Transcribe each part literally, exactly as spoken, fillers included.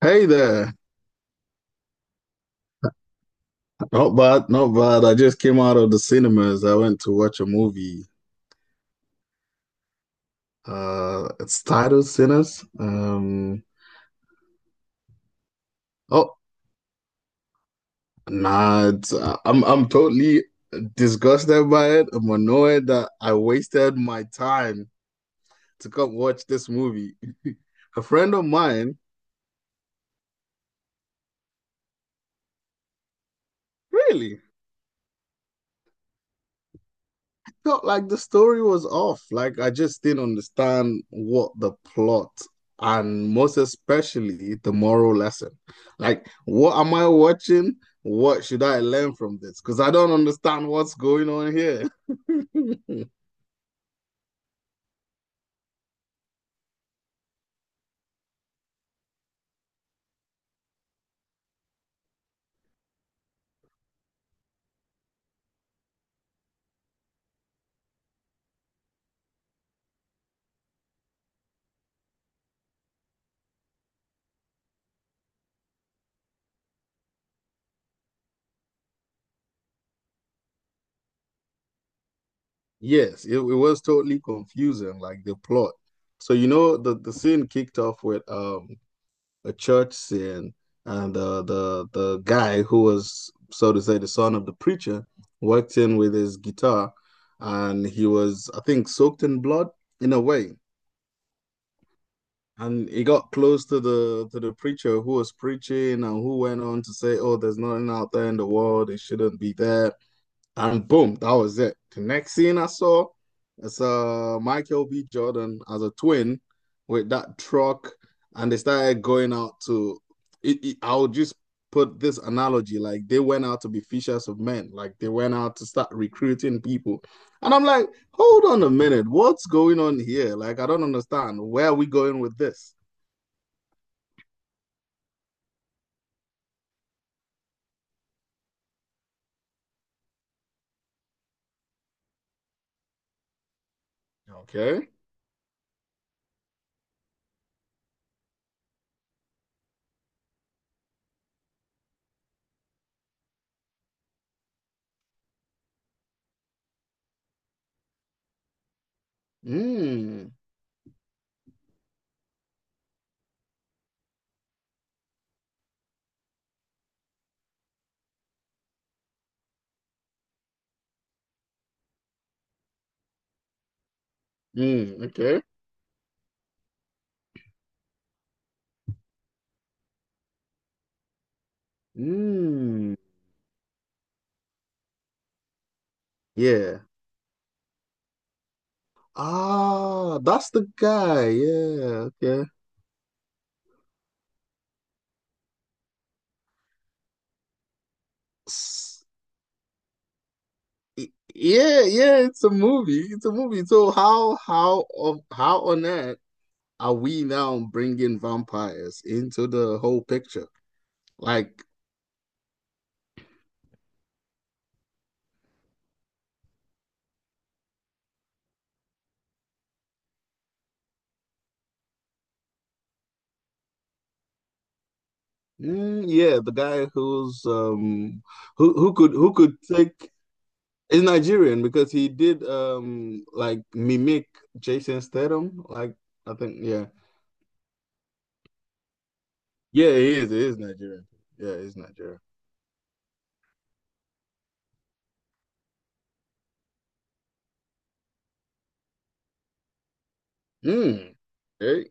Hey there. Not bad, not bad. I just came out of the cinemas. I went to watch a movie. Uh, it's titled Sinners. Um, oh, nah, it's, uh, I'm I'm totally disgusted by it. I'm annoyed that I wasted my time to come watch this movie. A friend of mine, really? Felt like the story was off. Like I just didn't understand what the plot, and most especially the moral lesson. Like, what am I watching? What should I learn from this? Because I don't understand what's going on here. Yes, it, it was totally confusing, like the plot. So you know, the the scene kicked off with um a church sin, and uh, the the guy who was, so to say, the son of the preacher, walked in with his guitar, and he was, I think, soaked in blood in a way, and he got close to the to the preacher who was preaching and who went on to say, "Oh, there's nothing out there in the world; it shouldn't be there." And boom, that was it. The next scene I saw is uh Michael B. Jordan as a twin with that truck, and they started going out to. It, it- I'll just put this analogy: like they went out to be fishers of men, like they went out to start recruiting people, and I'm like, hold on a minute, what's going on here? Like I don't understand. Where are we going with this? Okay. Mm. Mm. Okay. Mm. Yeah. Ah, that's the guy. Yeah, okay. S- y- Yeah, yeah, it's a movie. It's a movie. So how how of how on earth are we now bringing vampires into the whole picture? Like, mm, yeah, the guy who's um who who could who could take is Nigerian because he did um like mimic Jason Statham. Like, I think yeah, yeah, he is. He is Nigerian. Yeah, he's Nigerian. Mm. Hey.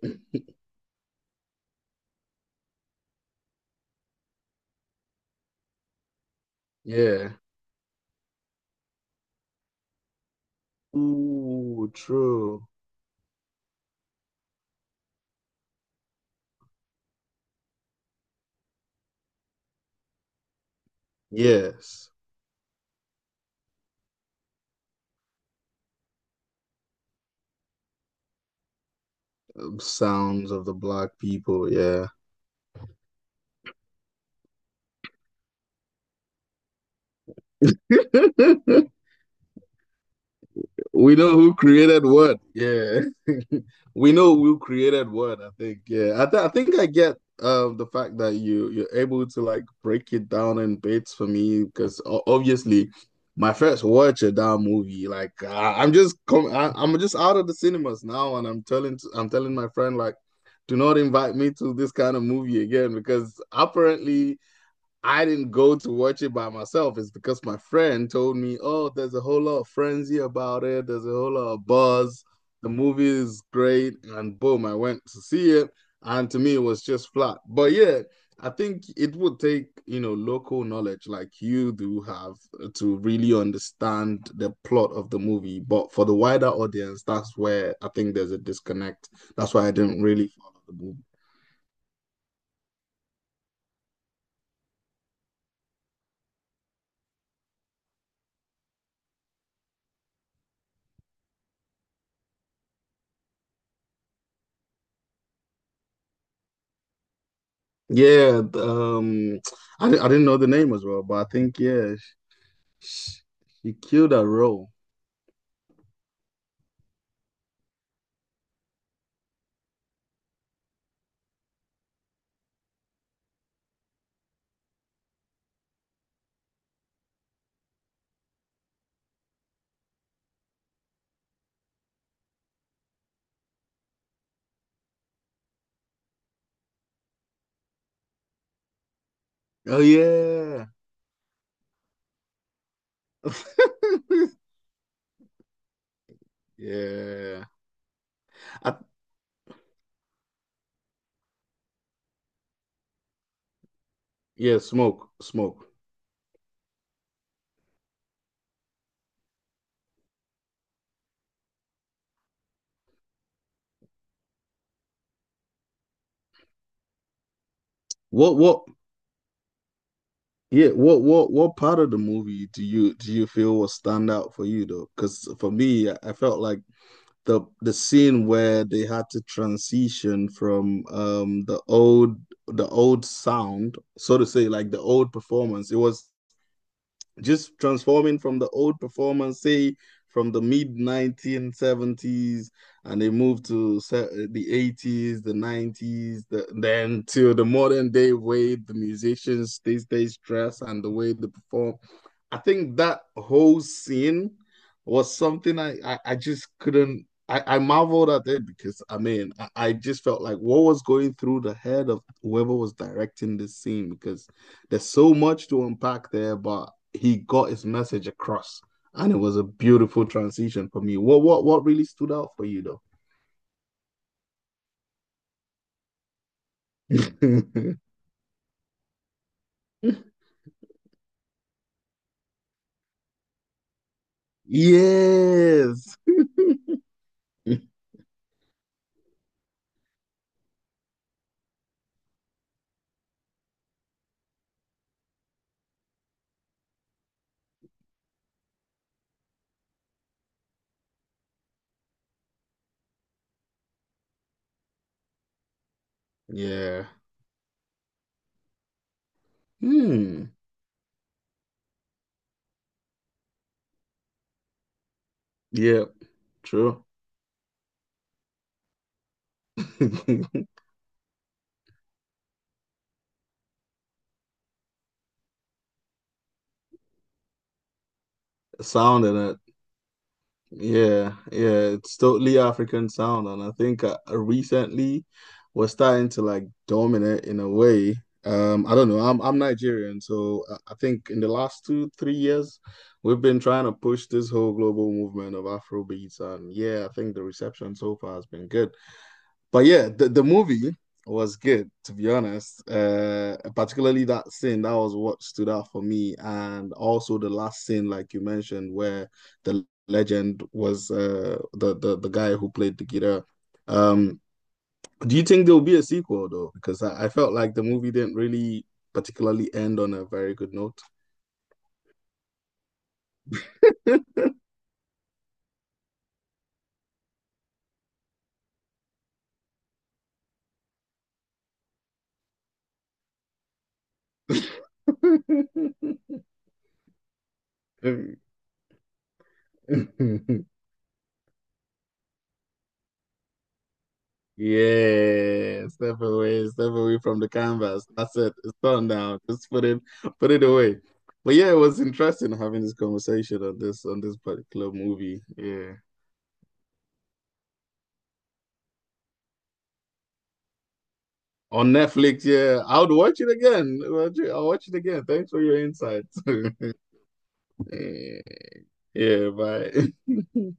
Yeah. Ooh, true. Yes. Sounds of the black people. Yeah. We know who created what. Yeah. We know who created what, I think. Yeah. I, th I think I get uh, the fact that you you're able to like break it down in bits for me because obviously my first watch of that movie, like I, I'm just com I, I'm just out of the cinemas now, and I'm telling I'm telling my friend, like, do not invite me to this kind of movie again, because apparently I didn't go to watch it by myself. It's because my friend told me, oh, there's a whole lot of frenzy about it. There's a whole lot of buzz. The movie is great. And boom, I went to see it. And to me, it was just flat. But yeah, I think it would take, you know, local knowledge like you do have to really understand the plot of the movie. But for the wider audience, that's where I think there's a disconnect. That's why I didn't really follow the movie. Yeah, th- um, I di- I didn't know the name as well, but I think yeah, she, she killed that role. Oh yeah, yeah, I, yeah. Smoke, smoke. What, what? Yeah, what, what, what part of the movie do you do you feel will stand out for you, though? Because for me, I I felt like the the scene where they had to transition from um the old the old sound, so to say, like the old performance. It was just transforming from the old performance, say from the mid nineteen seventies, and they moved to the eighties, the nineties, the, then to the modern day way the musicians these days dress and the way they perform. I think that whole scene was something I, I, I just couldn't. I, I marveled at it, because I mean I, I just felt like, what was going through the head of whoever was directing this scene? Because there's so much to unpack there, but he got his message across, and it was a beautiful transition for me. What what what really stood out for you, though? Yes. Yeah. Hmm. Yeah. True. Sound and a yeah, yeah, it's totally African sound, and I think uh, recently we're starting to like dominate in a way. Um, I don't know. I'm I'm Nigerian, so I I think in the last two, three years, we've been trying to push this whole global movement of Afrobeats, and yeah, I think the reception so far has been good. But yeah, the, the movie was good, to be honest. Uh, particularly that scene, that was what stood out for me. And also the last scene, like you mentioned, where the legend was uh, the, the, the guy who played the guitar. Um, do you think there'll be a sequel, though? Because I, I felt like the movie didn't really particularly end on a very good note. Yeah, step away, step away from the canvas. That's it. It's done now. Just put it, put it away. But yeah, it was interesting having this conversation on this on this particular movie. Yeah, on Netflix. Yeah, I would watch it again. Watch it- I'll watch it again. Thanks for your insights. Yeah, bye.